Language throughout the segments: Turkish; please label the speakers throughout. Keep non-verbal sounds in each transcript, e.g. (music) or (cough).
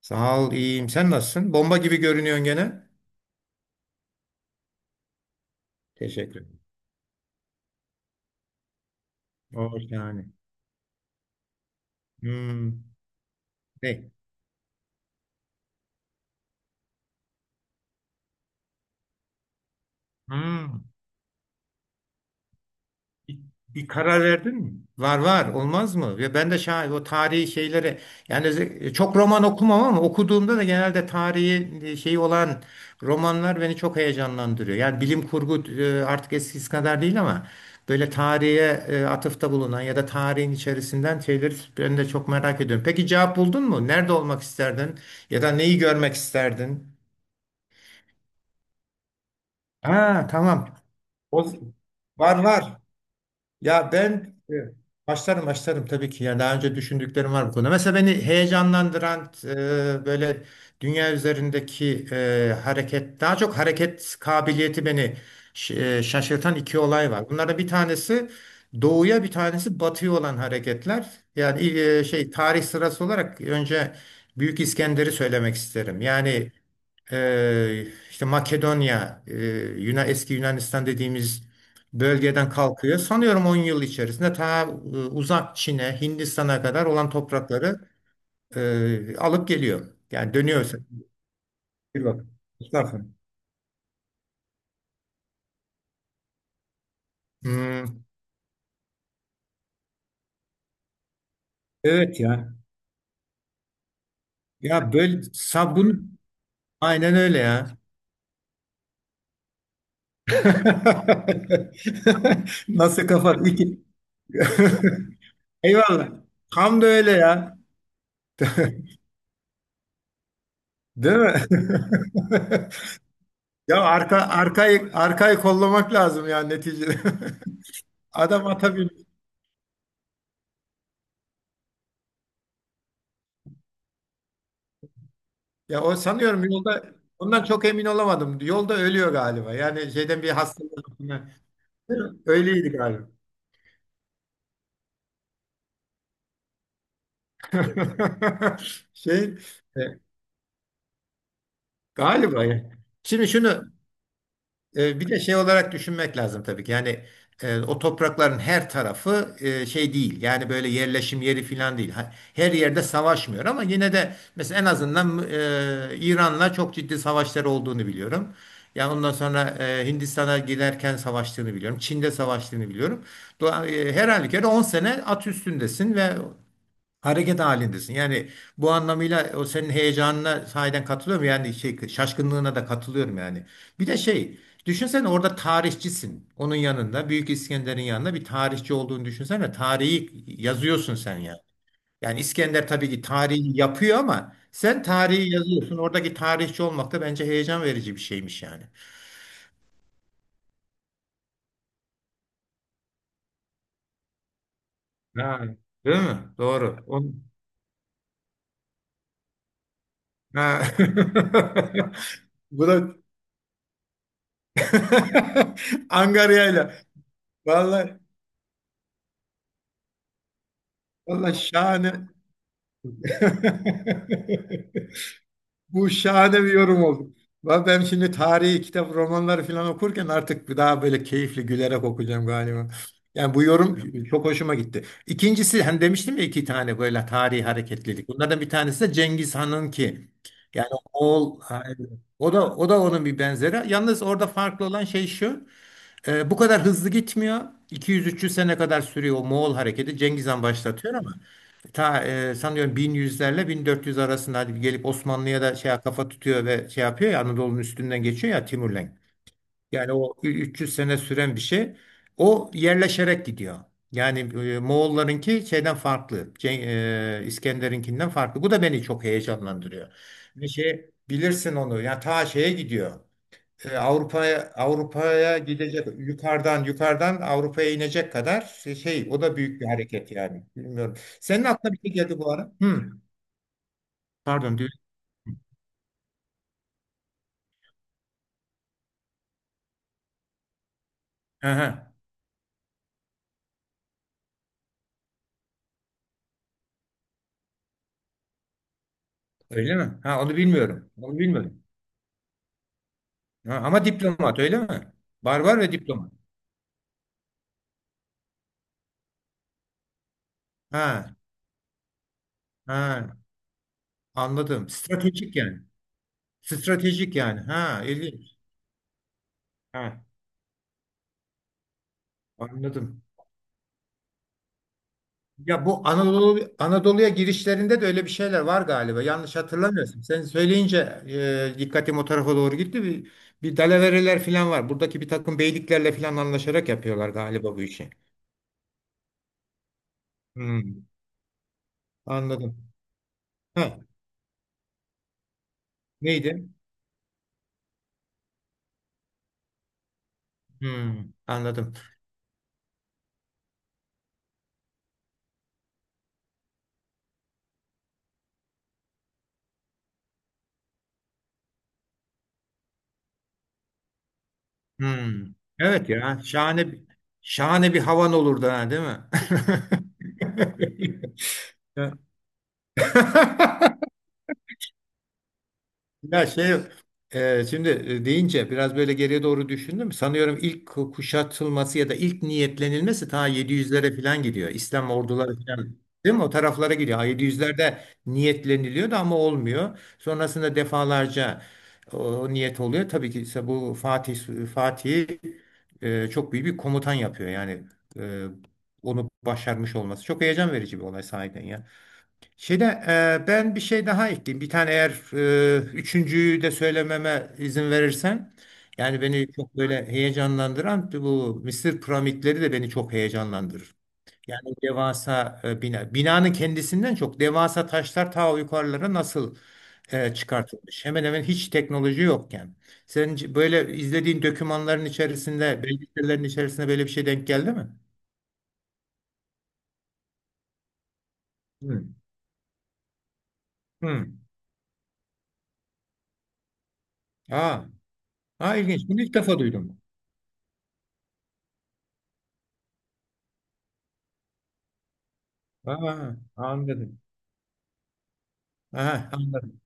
Speaker 1: Sağ ol, iyiyim. Sen nasılsın? Bomba gibi görünüyorsun gene. Teşekkür ederim. Oh, yani. Hmm. Ne? Hmm. Bir karar verdin mi? Var var olmaz mı? Ve ben de şahit o tarihi şeylere yani çok roman okumam ama okuduğumda da genelde tarihi şeyi olan romanlar beni çok heyecanlandırıyor. Yani bilim kurgu artık eskisi kadar değil ama böyle tarihe atıfta bulunan ya da tarihin içerisinden şeyleri ben de çok merak ediyorum. Peki cevap buldun mu? Nerede olmak isterdin? Ya da neyi görmek isterdin? Ha, tamam. O, var var. Ya ben başlarım başlarım tabii ki. Yani daha önce düşündüklerim var bu konuda. Mesela beni heyecanlandıran böyle dünya üzerindeki hareket, daha çok hareket kabiliyeti beni şaşırtan iki olay var. Bunlardan bir tanesi doğuya, bir tanesi batıya olan hareketler. Yani şey tarih sırası olarak önce Büyük İskender'i söylemek isterim. Yani işte eski Yunanistan dediğimiz bölgeden kalkıyor. Sanıyorum 10 yıl içerisinde ta uzak Çin'e, Hindistan'a kadar olan toprakları alıp geliyor. Yani dönüyorsa. Bir bak, Mustafa. Hmm. Evet ya. Ya böyle sabun aynen öyle ya. (laughs) Nasıl kafa? (laughs) Eyvallah. Tam da öyle ya. Değil mi? (laughs) Ya arka arkayı kollamak lazım yani neticede. (laughs) Adam ata bin. Ya o sanıyorum yolda ondan çok emin olamadım. Yolda ölüyor galiba. Yani şeyden bir hastalık. Öyleydi galiba. (laughs) Şey e, galiba, ya. Şimdi şunu. Bir de şey olarak düşünmek lazım tabii ki. Yani o toprakların her tarafı şey değil. Yani böyle yerleşim yeri falan değil. Her yerde savaşmıyor ama yine de mesela en azından İran'la çok ciddi savaşları olduğunu biliyorum. Yani ondan sonra Hindistan'a giderken savaştığını biliyorum. Çin'de savaştığını biliyorum. Her halükarda 10 sene at üstündesin ve hareket halindesin. Yani bu anlamıyla o senin heyecanına sahiden katılıyorum. Yani şey, şaşkınlığına da katılıyorum yani. Bir de şey, düşünsene orada tarihçisin. Onun yanında, Büyük İskender'in yanında bir tarihçi olduğunu düşünsene. Tarihi yazıyorsun sen ya. Yani İskender tabii ki tarihi yapıyor ama sen tarihi yazıyorsun. Oradaki tarihçi olmak da bence heyecan verici bir şeymiş yani. Ha, değil mi? Doğru. Ha. (laughs) Bu da (laughs) angaryayla. Vallahi Valla şahane. (laughs) Bu şahane bir yorum oldu. Ben şimdi tarihi kitap, romanları falan okurken artık bir daha böyle keyifli gülerek okuyacağım galiba. Yani bu yorum çok hoşuma gitti. İkincisi hem demiştim ya iki tane böyle tarihi hareketlilik. Bunlardan bir tanesi de Cengiz Han'ın ki. Yani Moğol, o da onun bir benzeri. Yalnız orada farklı olan şey şu. Bu kadar hızlı gitmiyor. 200-300 sene kadar sürüyor o Moğol hareketi. Cengiz Han başlatıyor ama ta sanıyorum 1100'lerle 1400 arasında hadi gelip Osmanlı'ya da şey kafa tutuyor ve şey yapıyor ya Anadolu'nun üstünden geçiyor ya Timurlenk. Yani o 300 sene süren bir şey. O yerleşerek gidiyor. Yani Moğollarınki şeyden farklı. İskender'inkinden farklı. Bu da beni çok heyecanlandırıyor. Bir şey bilirsin onu. Yani ta şeye gidiyor Avrupa'ya, gidecek, yukarıdan yukarıdan Avrupa'ya inecek kadar şey şey, o da büyük bir hareket yani bilmiyorum. Senin aklına bir şey geldi bu ara? Hı, pardon. Aha, öyle mi? Ha, onu bilmiyorum. Onu bilmiyorum. Ha, ama diplomat öyle mi? Barbar ve diplomat. Ha, ha, anladım. Stratejik yani. Stratejik yani. Ha, ilginç. Ha, anladım. Ya bu Anadolu'ya girişlerinde de öyle bir şeyler var galiba. Yanlış hatırlamıyorsun. Sen söyleyince dikkatim o tarafa doğru gitti. Bir dalavereler falan var. Buradaki bir takım beyliklerle falan anlaşarak yapıyorlar galiba bu işi. Hmm, anladım. Ha, neydi? Hmm, anladım. Hmm. Evet ya, şahane bir havan olurdu ha, değil mi? (laughs) Ya. (laughs) Ya şey, şimdi deyince biraz böyle geriye doğru düşündüm. Sanıyorum ilk kuşatılması ya da ilk niyetlenilmesi ta 700'lere falan gidiyor. İslam orduları falan değil mi? O taraflara gidiyor. Ha, 700'lerde niyetleniliyordu ama olmuyor. Sonrasında defalarca o niyet oluyor. Tabii ki ise bu Fatih çok büyük bir komutan yapıyor. Yani e, onu başarmış olması. Çok heyecan verici bir olay sahiden ya. Şimdi ben bir şey daha ekleyeyim. Bir tane, eğer üçüncüyü de söylememe izin verirsen. Yani beni çok böyle heyecanlandıran bu Mısır piramitleri de beni çok heyecanlandırır. Yani o devasa bina. Binanın kendisinden çok devasa taşlar ta o yukarılara nasıl çıkartılmış. Hemen hemen hiç teknoloji yokken. Sen böyle izlediğin dokümanların içerisinde, belgesellerin içerisinde böyle bir şey denk geldi mi? Hı. Hı. Aa, aa, ilginç. Bunu ilk defa duydum. Aa, anladım. Aha, anladım.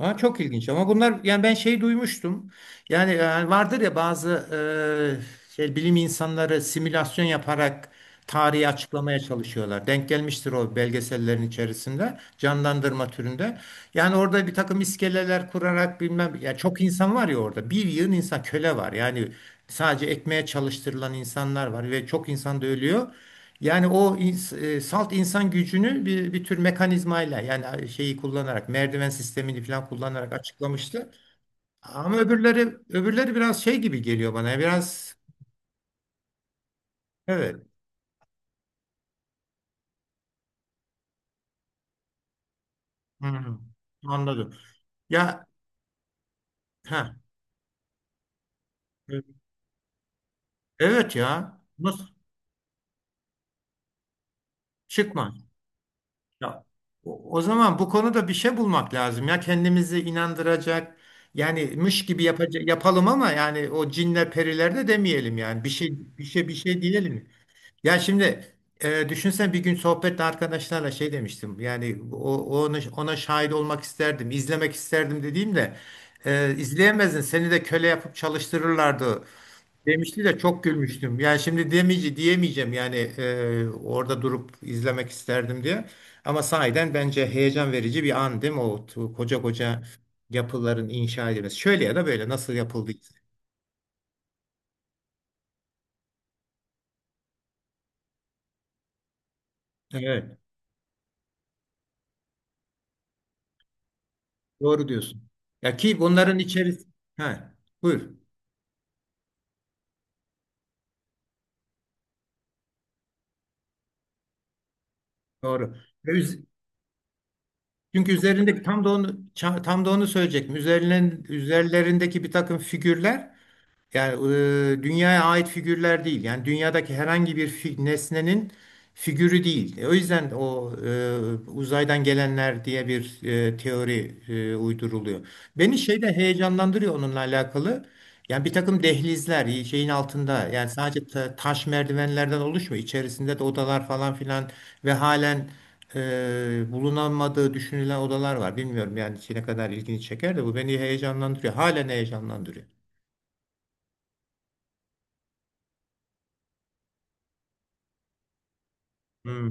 Speaker 1: Aa, çok ilginç ama bunlar yani ben şey duymuştum. Yani vardır ya bazı şey bilim insanları simülasyon yaparak tarihi açıklamaya çalışıyorlar. Denk gelmiştir o belgesellerin içerisinde canlandırma türünde. Yani orada bir takım iskeleler kurarak bilmem ya, çok insan var ya orada. Bir yığın insan, köle var. Yani sadece ekmeğe çalıştırılan insanlar var ve çok insan da ölüyor. Yani salt insan gücünü bir tür mekanizmayla yani şeyi kullanarak merdiven sistemini falan kullanarak açıklamıştı. Ama öbürleri biraz şey gibi geliyor bana. Biraz, evet. Hı-hı. Anladım. Ya ha, evet ya. Nasıl çıkma? Ya o zaman bu konuda bir şey bulmak lazım ya, kendimizi inandıracak. Yani mış gibi yapacak yapalım ama yani o cinler periler de demeyelim yani. Bir şey diyelim. Ya şimdi düşünsen bir gün sohbette arkadaşlarla şey demiştim. Yani ona şahit olmak isterdim, izlemek isterdim dediğimde izleyemezdin. Seni de köle yapıp çalıştırırlardı demişti de çok gülmüştüm. Yani şimdi diyemeyeceğim yani orada durup izlemek isterdim diye. Ama sahiden bence heyecan verici bir an, değil mi? O koca koca yapıların inşa edilmesi. Şöyle ya da böyle nasıl yapıldı? Evet, doğru diyorsun. Ya ki bunların içerisinde. Ha, buyur. Doğru. Ve üz- Çünkü üzerindeki tam da onu söyleyecektim. Üzerlerindeki bir takım figürler yani dünyaya ait figürler değil. Yani dünyadaki herhangi bir nesnenin figürü değil. O yüzden uzaydan gelenler diye bir teori uyduruluyor. Beni şey de heyecanlandırıyor onunla alakalı. Yani bir takım dehlizler şeyin altında, yani sadece taş merdivenlerden oluşmuyor. İçerisinde de odalar falan filan ve halen bulunamadığı düşünülen odalar var. Bilmiyorum yani ne kadar ilgini çeker de bu beni heyecanlandırıyor. Halen heyecanlandırıyor. Hmm.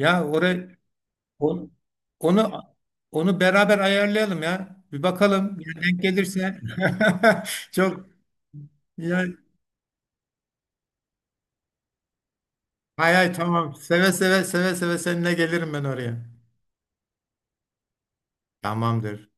Speaker 1: Ya oraya, on- onu, beraber ayarlayalım ya. Bir bakalım ya, denk gelirse. (laughs) Çok. Ya, hay hay, tamam. Seve seve seve seve seninle gelirim ben oraya. Tamamdır.